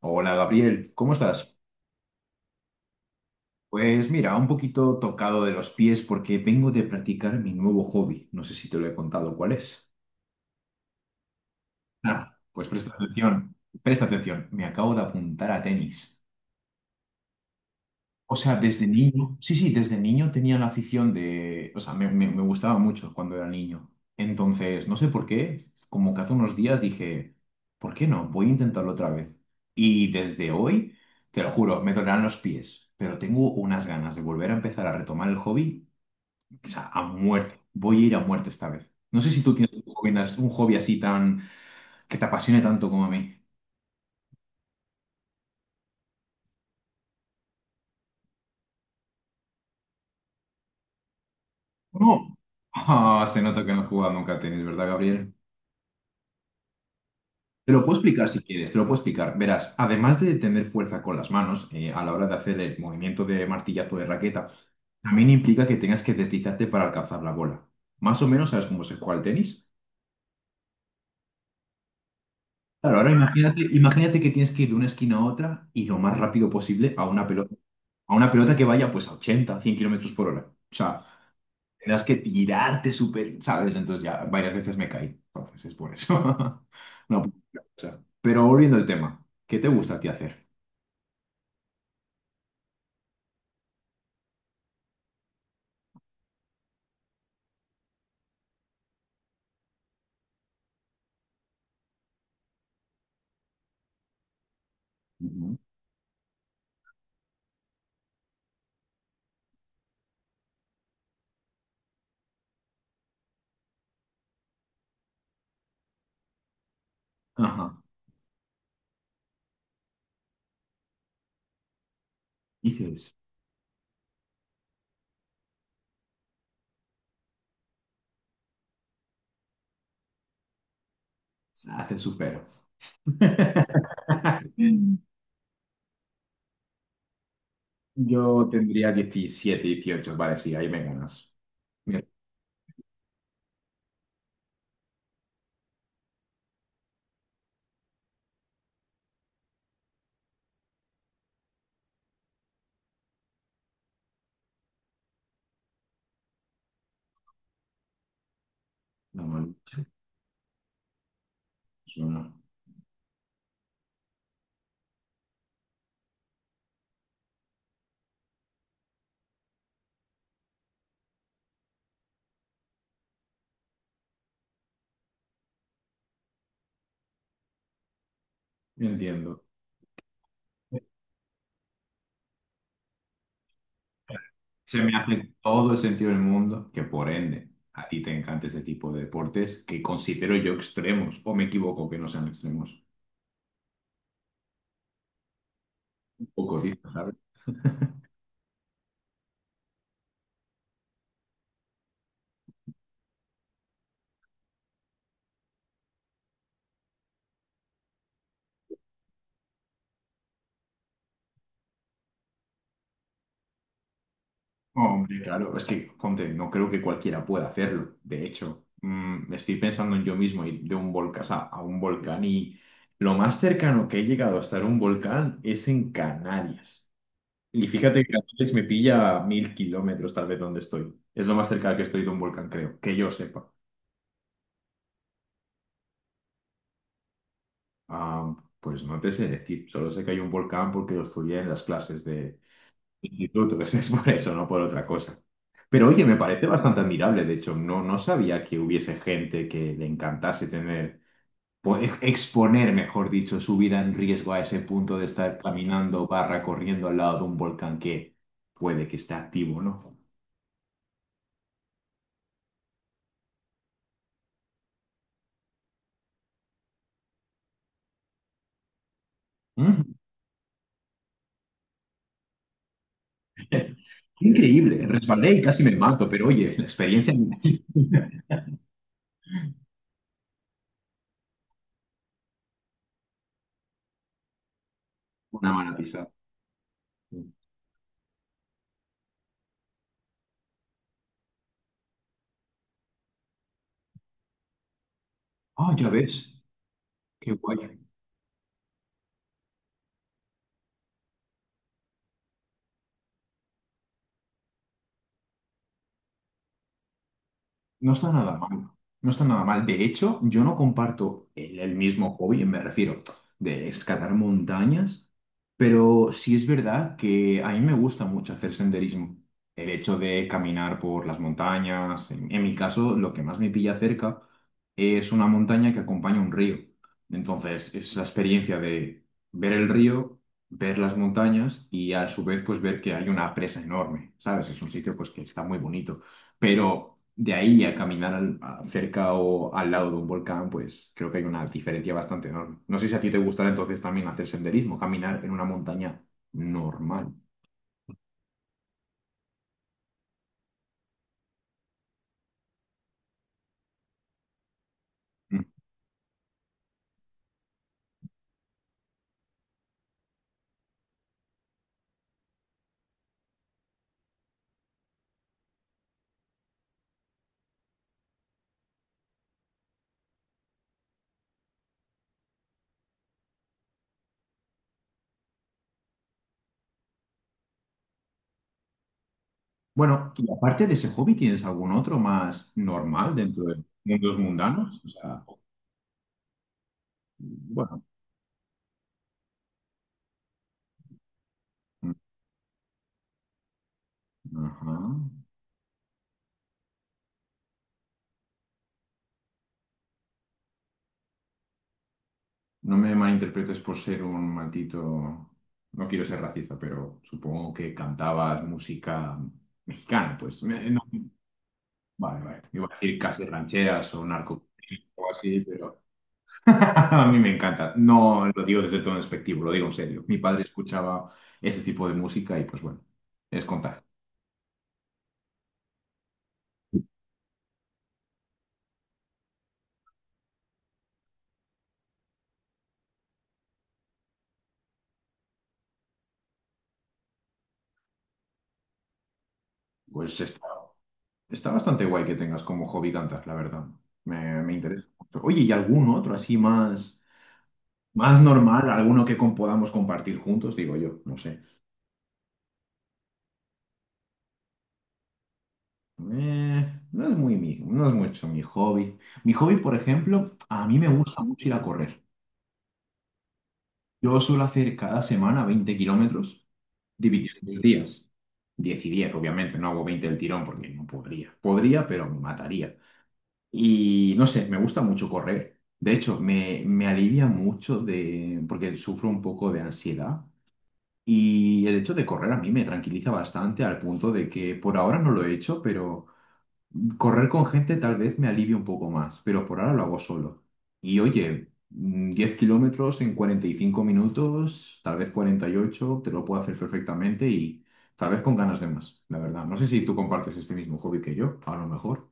Hola Gabriel, ¿cómo estás? Pues mira, un poquito tocado de los pies porque vengo de practicar mi nuevo hobby. No sé si te lo he contado cuál es. No. Pues presta atención, me acabo de apuntar a tenis. O sea, desde niño, sí, sí, desde niño tenía la afición o sea, me gustaba mucho cuando era niño. Entonces, no sé por qué, como que hace unos días dije, ¿por qué no? Voy a intentarlo otra vez. Y desde hoy, te lo juro, me dolerán los pies, pero tengo unas ganas de volver a empezar a retomar el hobby, o sea, a muerte. Voy a ir a muerte esta vez. No sé si tú tienes un hobby así tan, que te apasione tanto como a mí. No. Ah, se nota que no he jugado nunca a tenis, ¿verdad, Gabriel? Te lo puedo explicar si quieres, te lo puedo explicar. Verás, además de tener fuerza con las manos a la hora de hacer el movimiento de martillazo de raqueta, también implica que tengas que deslizarte para alcanzar la bola. Más o menos sabes cómo se juega el tenis. Claro, ahora imagínate, que tienes que ir de una esquina a otra y lo más rápido posible a una pelota, que vaya pues a 80 100 kilómetros por hora. O sea, tendrás que tirarte súper, ¿sabes? Entonces ya varias veces me caí. Entonces es por eso. No, pero volviendo al tema, ¿qué te gusta a ti hacer? Ajá. Y dices, ah, te supero. Yo tendría 17, 18, vale, sí, ahí me ganas. Mira, no, mal, yo no. Yo entiendo. Se me hace todo el sentido del mundo que por ende a ti te encanta ese tipo de deportes que considero yo extremos, o me equivoco que no sean extremos. Un poco, tío, ¿sabes? Hombre, claro, es que, ponte, no creo que cualquiera pueda hacerlo. De hecho, me estoy pensando en yo mismo ir de un volcán a un volcán y lo más cercano que he llegado a estar un volcán es en Canarias. Y fíjate que Canarias me pilla a 1000 kilómetros tal vez donde estoy. Es lo más cerca que estoy de un volcán, creo, que yo sepa. Ah, pues no te sé decir, solo sé que hay un volcán porque lo estudié en las clases institutos, es por eso, no por otra cosa. Pero oye, me parece bastante admirable, de hecho, no, no sabía que hubiese gente que le encantase tener, exponer, mejor dicho, su vida en riesgo a ese punto de estar caminando barra corriendo al lado de un volcán que puede que esté activo, ¿no? Mm. Qué increíble, resbalé y casi me mato, pero oye, la experiencia... Una maravilla. Ah, ya ves, qué guay. No está nada mal, no está nada mal. De hecho, yo no comparto el mismo hobby, me refiero, de escalar montañas, pero sí es verdad que a mí me gusta mucho hacer senderismo. El hecho de caminar por las montañas, en mi caso, lo que más me pilla cerca es una montaña que acompaña un río. Entonces, es la experiencia de ver el río, ver las montañas y a su vez, pues ver que hay una presa enorme, ¿sabes? Es un sitio pues que está muy bonito. Pero de ahí a caminar cerca o al lado de un volcán, pues creo que hay una diferencia bastante enorme. No sé si a ti te gustará entonces también hacer senderismo, caminar en una montaña normal. Mm. Bueno, y aparte de ese hobby, ¿tienes algún otro más normal dentro de mundos mundanos? O sea, bueno, mm, ajá. No me malinterpretes por ser un maldito... No quiero ser racista, pero supongo que cantabas música mexicana, pues. No. Vale, vale. Iba a decir casi rancheras o narco o así, pero a mí me encanta. No lo digo desde todo despectivo, lo digo en serio. Mi padre escuchaba ese tipo de música y pues bueno, es contagio. Pues está, está bastante guay que tengas como hobby cantar, la verdad. Me interesa mucho. Oye, ¿y algún otro así más, más normal? ¿Alguno que podamos compartir juntos? Digo yo, no sé. No es muy mi, no es mucho mi hobby. Mi hobby, por ejemplo, a mí me gusta mucho ir a correr. Yo suelo hacer cada semana 20 kilómetros dividido en 2 días. 10 y 10 obviamente, no hago 20 del tirón porque no podría. Podría, pero me mataría. Y no sé, me gusta mucho correr. De hecho, me alivia mucho de, porque sufro un poco de ansiedad. Y el hecho de correr a mí me tranquiliza bastante al punto de que por ahora no lo he hecho, pero correr con gente tal vez me alivie un poco más, pero por ahora lo hago solo. Y oye, 10 kilómetros en 45 minutos, tal vez 48, te lo puedo hacer perfectamente y tal vez con ganas de más, la verdad. No sé si tú compartes este mismo hobby que yo, a lo mejor.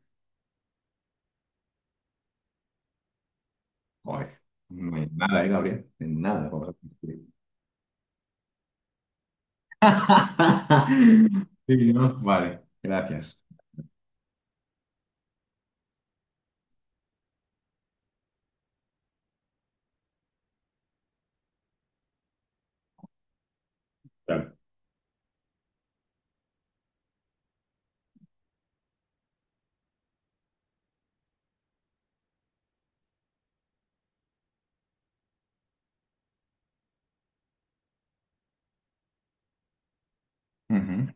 Joder, no hay nada, ¿eh, Gabriel? En nada vamos a coincidir. Sí, ¿no? Vale, gracias. Claro. Ujú.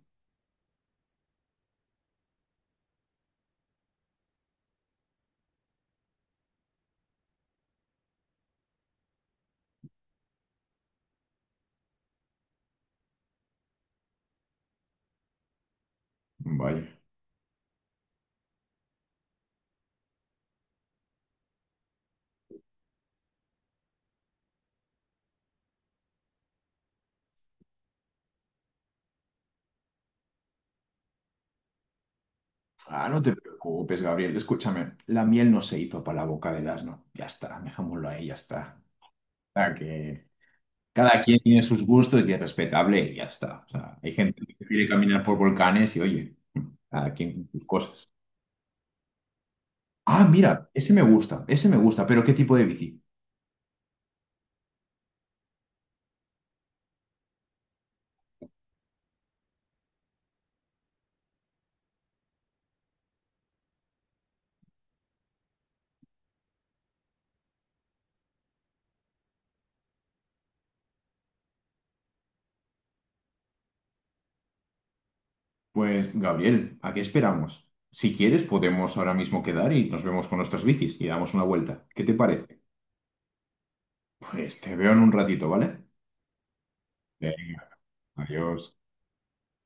Vaya. Ah, no te preocupes, Gabriel. Escúchame, la miel no se hizo para la boca del asno. Ya está, dejémoslo ahí, ya está. O sea, que cada quien tiene sus gustos y es respetable y ya está. O sea, hay gente que prefiere caminar por volcanes y oye, cada quien con sus cosas. Ah, mira, ese me gusta, pero ¿qué tipo de bici? Pues, Gabriel, ¿a qué esperamos? Si quieres, podemos ahora mismo quedar y nos vemos con nuestras bicis y damos una vuelta. ¿Qué te parece? Pues te veo en un ratito, ¿vale? Venga, adiós.